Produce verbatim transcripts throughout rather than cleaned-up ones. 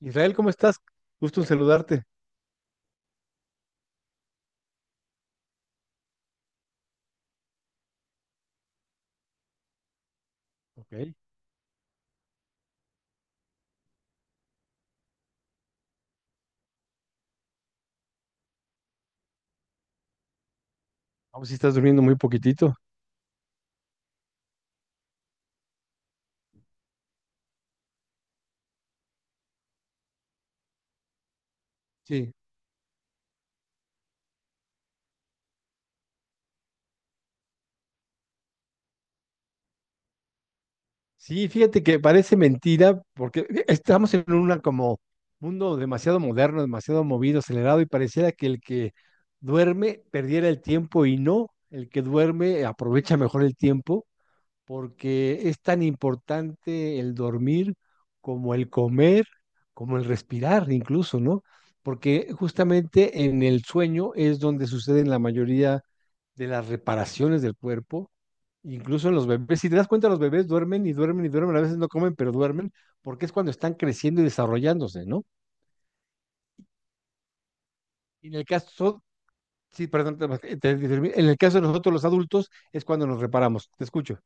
Israel, ¿cómo estás? Gusto en saludarte. Ok. Vamos, si estás durmiendo muy poquitito. Sí. Sí, fíjate que parece mentira porque estamos en un como mundo demasiado moderno, demasiado movido, acelerado y pareciera que el que duerme perdiera el tiempo y no, el que duerme aprovecha mejor el tiempo porque es tan importante el dormir como el comer, como el respirar incluso, ¿no? Porque justamente en el sueño es donde suceden la mayoría de las reparaciones del cuerpo, incluso en los bebés. Si te das cuenta, los bebés duermen y duermen y duermen, a veces no comen, pero duermen, porque es cuando están creciendo y desarrollándose, ¿no? Y en el caso, sí, perdón, te- te- te- en el caso de nosotros los adultos es cuando nos reparamos, te escucho.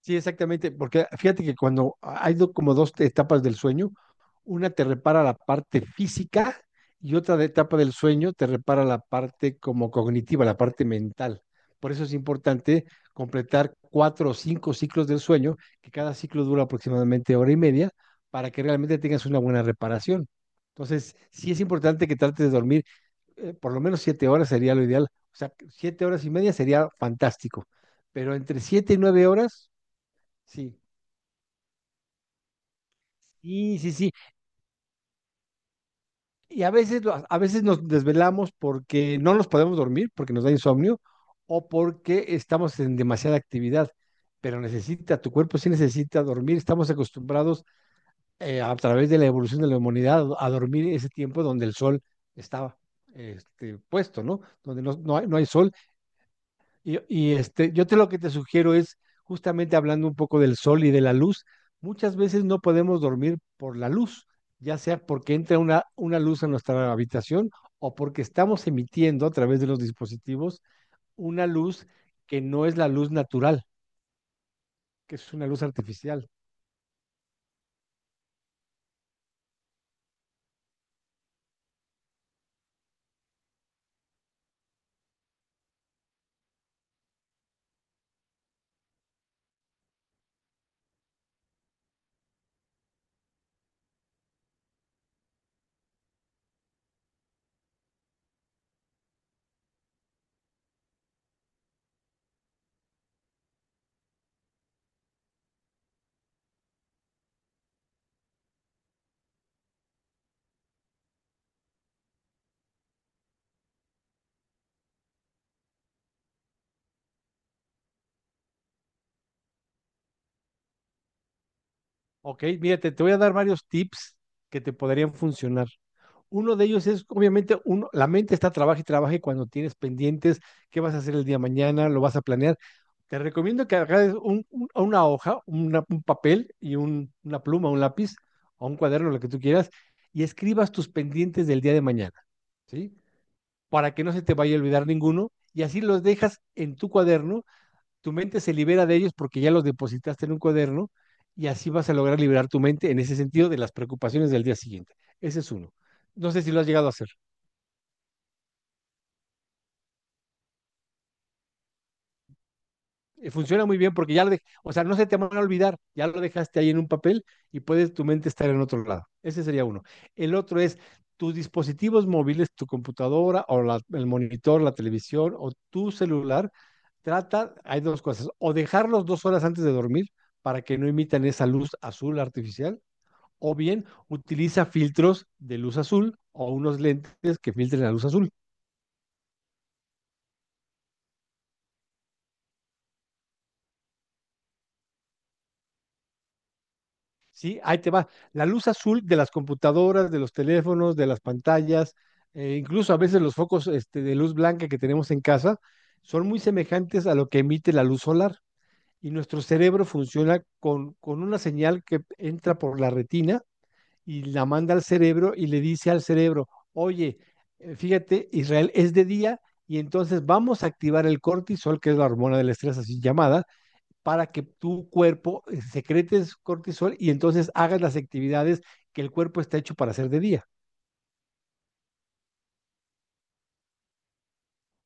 Sí, exactamente, porque fíjate que cuando hay do- como dos etapas del sueño. Una te repara la parte física y otra de etapa del sueño te repara la parte como cognitiva, la parte mental. Por eso es importante completar cuatro o cinco ciclos del sueño, que cada ciclo dura aproximadamente hora y media, para que realmente tengas una buena reparación. Entonces, sí es importante que trates de dormir eh, por lo menos siete horas sería lo ideal. O sea, siete horas y media sería fantástico. Pero entre siete y nueve horas, sí. Sí, sí, sí. Y a veces, lo- a veces nos desvelamos porque no nos podemos dormir, porque nos da insomnio, o porque estamos en demasiada actividad. Pero necesita, tu cuerpo sí necesita dormir. Estamos acostumbrados eh, a través de la evolución de la humanidad a dormir ese tiempo donde el sol estaba este, puesto, ¿no? Donde no, no hay, no hay sol y, y, este, yo te lo que te sugiero es, justamente hablando un poco del sol y de la luz, muchas veces no podemos dormir por la luz, ya sea porque entra una, una luz a nuestra habitación o porque estamos emitiendo a través de los dispositivos una luz que no es la luz natural, que es una luz artificial. Ok, mírate, te voy a dar varios tips que te podrían funcionar. Uno de ellos es, obviamente, uno, la mente está trabaja y trabaja y cuando tienes pendientes, qué vas a hacer el día de mañana, lo vas a planear. Te recomiendo que hagas un- un- una hoja, una- un papel y un- una pluma, un lápiz o un cuaderno, lo que tú quieras, y escribas tus pendientes del día de mañana, ¿sí? Para que no se te vaya a olvidar ninguno y así los dejas en tu cuaderno, tu mente se libera de ellos porque ya los depositaste en un cuaderno y así vas a lograr liberar tu mente en ese sentido de las preocupaciones del día siguiente. Ese es uno. No sé si lo has llegado a hacer. Eh, funciona muy bien porque ya lo de, o sea, no se te van a olvidar, ya lo dejaste ahí en un papel y puede tu mente estar en otro lado. Ese sería uno. El otro es tus dispositivos móviles, tu computadora o la, el monitor, la televisión o tu celular. Trata, hay dos cosas, o dejarlos dos horas antes de dormir para que no emitan esa luz azul artificial, o bien utiliza filtros de luz azul o unos lentes que filtren la luz azul. Sí, ahí te va. La luz azul de las computadoras, de los teléfonos, de las pantallas, eh, incluso a veces los focos este, de luz blanca que tenemos en casa, son muy semejantes a lo que emite la luz solar. Y nuestro cerebro funciona con, con una señal que entra por la retina y la manda al cerebro y le dice al cerebro, oye, eh, fíjate, Israel es de día y entonces vamos a activar el cortisol, que es la hormona del estrés así llamada, para que tu cuerpo eh, secretes cortisol y entonces hagas las actividades que el cuerpo está hecho para hacer de día.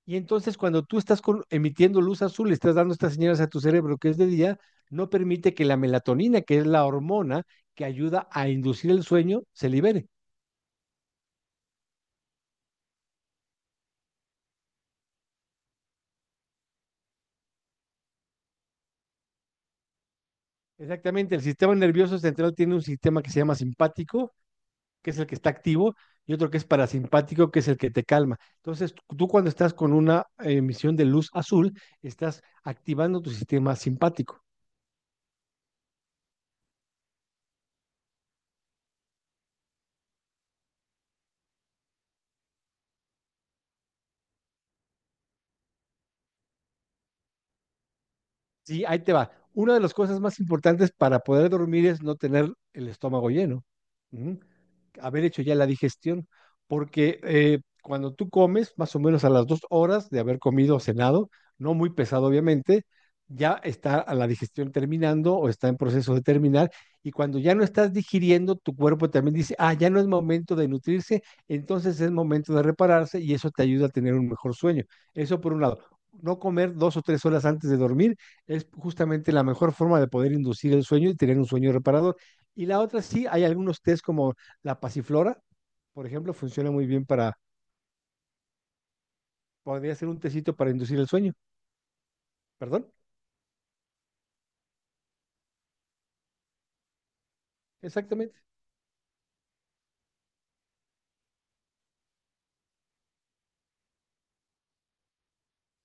Y entonces cuando tú estás con, emitiendo luz azul, estás dando estas señales a tu cerebro que es de día, no permite que la melatonina, que es la hormona que ayuda a inducir el sueño, se libere. Exactamente, el sistema nervioso central tiene un sistema que se llama simpático, que es el que está activo, y otro que es parasimpático, que es el que te calma. Entonces, tú cuando estás con una emisión de luz azul, estás activando tu sistema simpático. Sí, ahí te va. Una de las cosas más importantes para poder dormir es no tener el estómago lleno. Ujú. Haber hecho ya la digestión. Porque eh, cuando tú comes, más o menos a las dos horas de haber comido o cenado, no muy pesado obviamente, ya está a la digestión terminando o está en proceso de terminar. Y cuando ya no estás digiriendo, tu cuerpo también dice, ah, ya no es momento de nutrirse, entonces es momento de repararse y eso te ayuda a tener un mejor sueño. Eso por un lado. No comer dos o tres horas antes de dormir es justamente la mejor forma de poder inducir el sueño y tener un sueño reparador. Y la otra sí, hay algunos test como la pasiflora, por ejemplo, funciona muy bien para, podría ser un tecito para inducir el sueño, perdón, exactamente.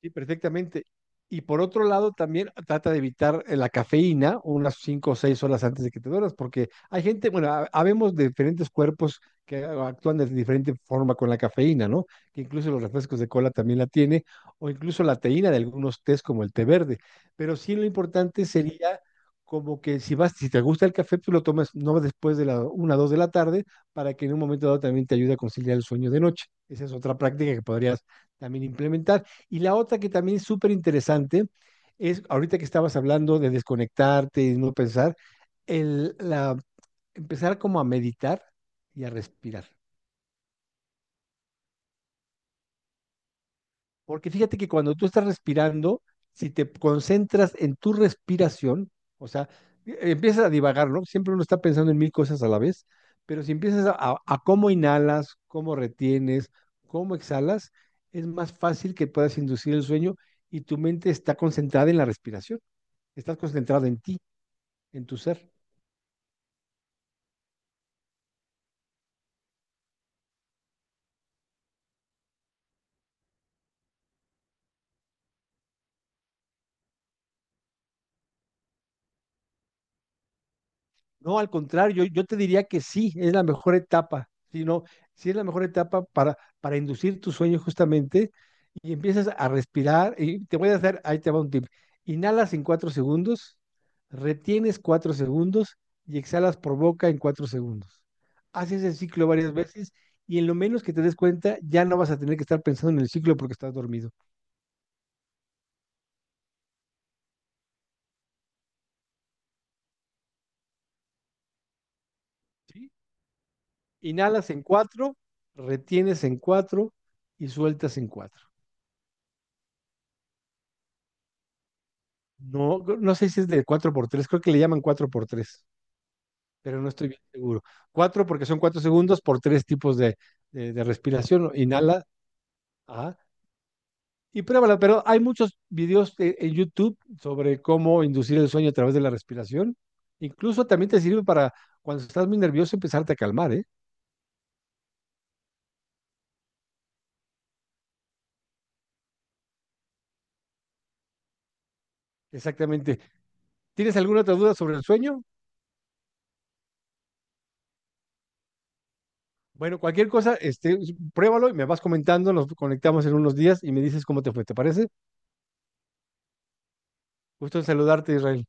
Sí, perfectamente. Y por otro lado, también trata de evitar eh, la cafeína unas cinco o seis horas antes de que te duermas, porque hay gente, bueno, ha- habemos de diferentes cuerpos que actúan de diferente forma con la cafeína, ¿no? Que incluso los refrescos de cola también la tiene, o incluso la teína de algunos tés como el té verde. Pero sí lo importante sería como que si vas, si te gusta el café, tú lo tomas no después de la una o dos de la tarde, para que en un momento dado también te ayude a conciliar el sueño de noche. Esa es otra práctica que podrías también implementar. Y la otra que también es súper interesante es, ahorita que estabas hablando de desconectarte y no pensar, el, la, empezar como a meditar y a respirar. Porque fíjate que cuando tú estás respirando, si te concentras en tu respiración, o sea, e- empiezas a divagar, ¿no? Siempre uno está pensando en mil cosas a la vez, pero si empiezas a, a a cómo inhalas, cómo retienes, cómo exhalas, es más fácil que puedas inducir el sueño y tu mente está concentrada en la respiración. Estás concentrado en ti, en tu ser. No, al contrario, yo, yo te diría que sí, es la mejor etapa, sino sí es la mejor etapa para, para inducir tu sueño justamente y empiezas a respirar. Y te voy a hacer, ahí te va un tip. Inhalas en cuatro segundos, retienes cuatro segundos y exhalas por boca en cuatro segundos. Haces el ciclo varias veces y en lo menos que te des cuenta ya no vas a tener que estar pensando en el ciclo porque estás dormido. ¿Sí? Inhalas en cuatro, retienes en cuatro y sueltas en cuatro. No, no sé si es de cuatro por tres, creo que le llaman cuatro por tres, pero no estoy bien seguro. Cuatro porque son cuatro segundos por tres tipos de, de- de respiración. Inhala, ajá, y pruébala, pero hay muchos videos e- en YouTube sobre cómo inducir el sueño a través de la respiración. Incluso también te sirve para cuando estás muy nervioso empezarte a calmar, ¿eh? Exactamente. ¿Tienes alguna otra duda sobre el sueño? Bueno, cualquier cosa, este, pruébalo y me vas comentando, nos conectamos en unos días y me dices cómo te fue, ¿te parece? Gusto en saludarte, Israel.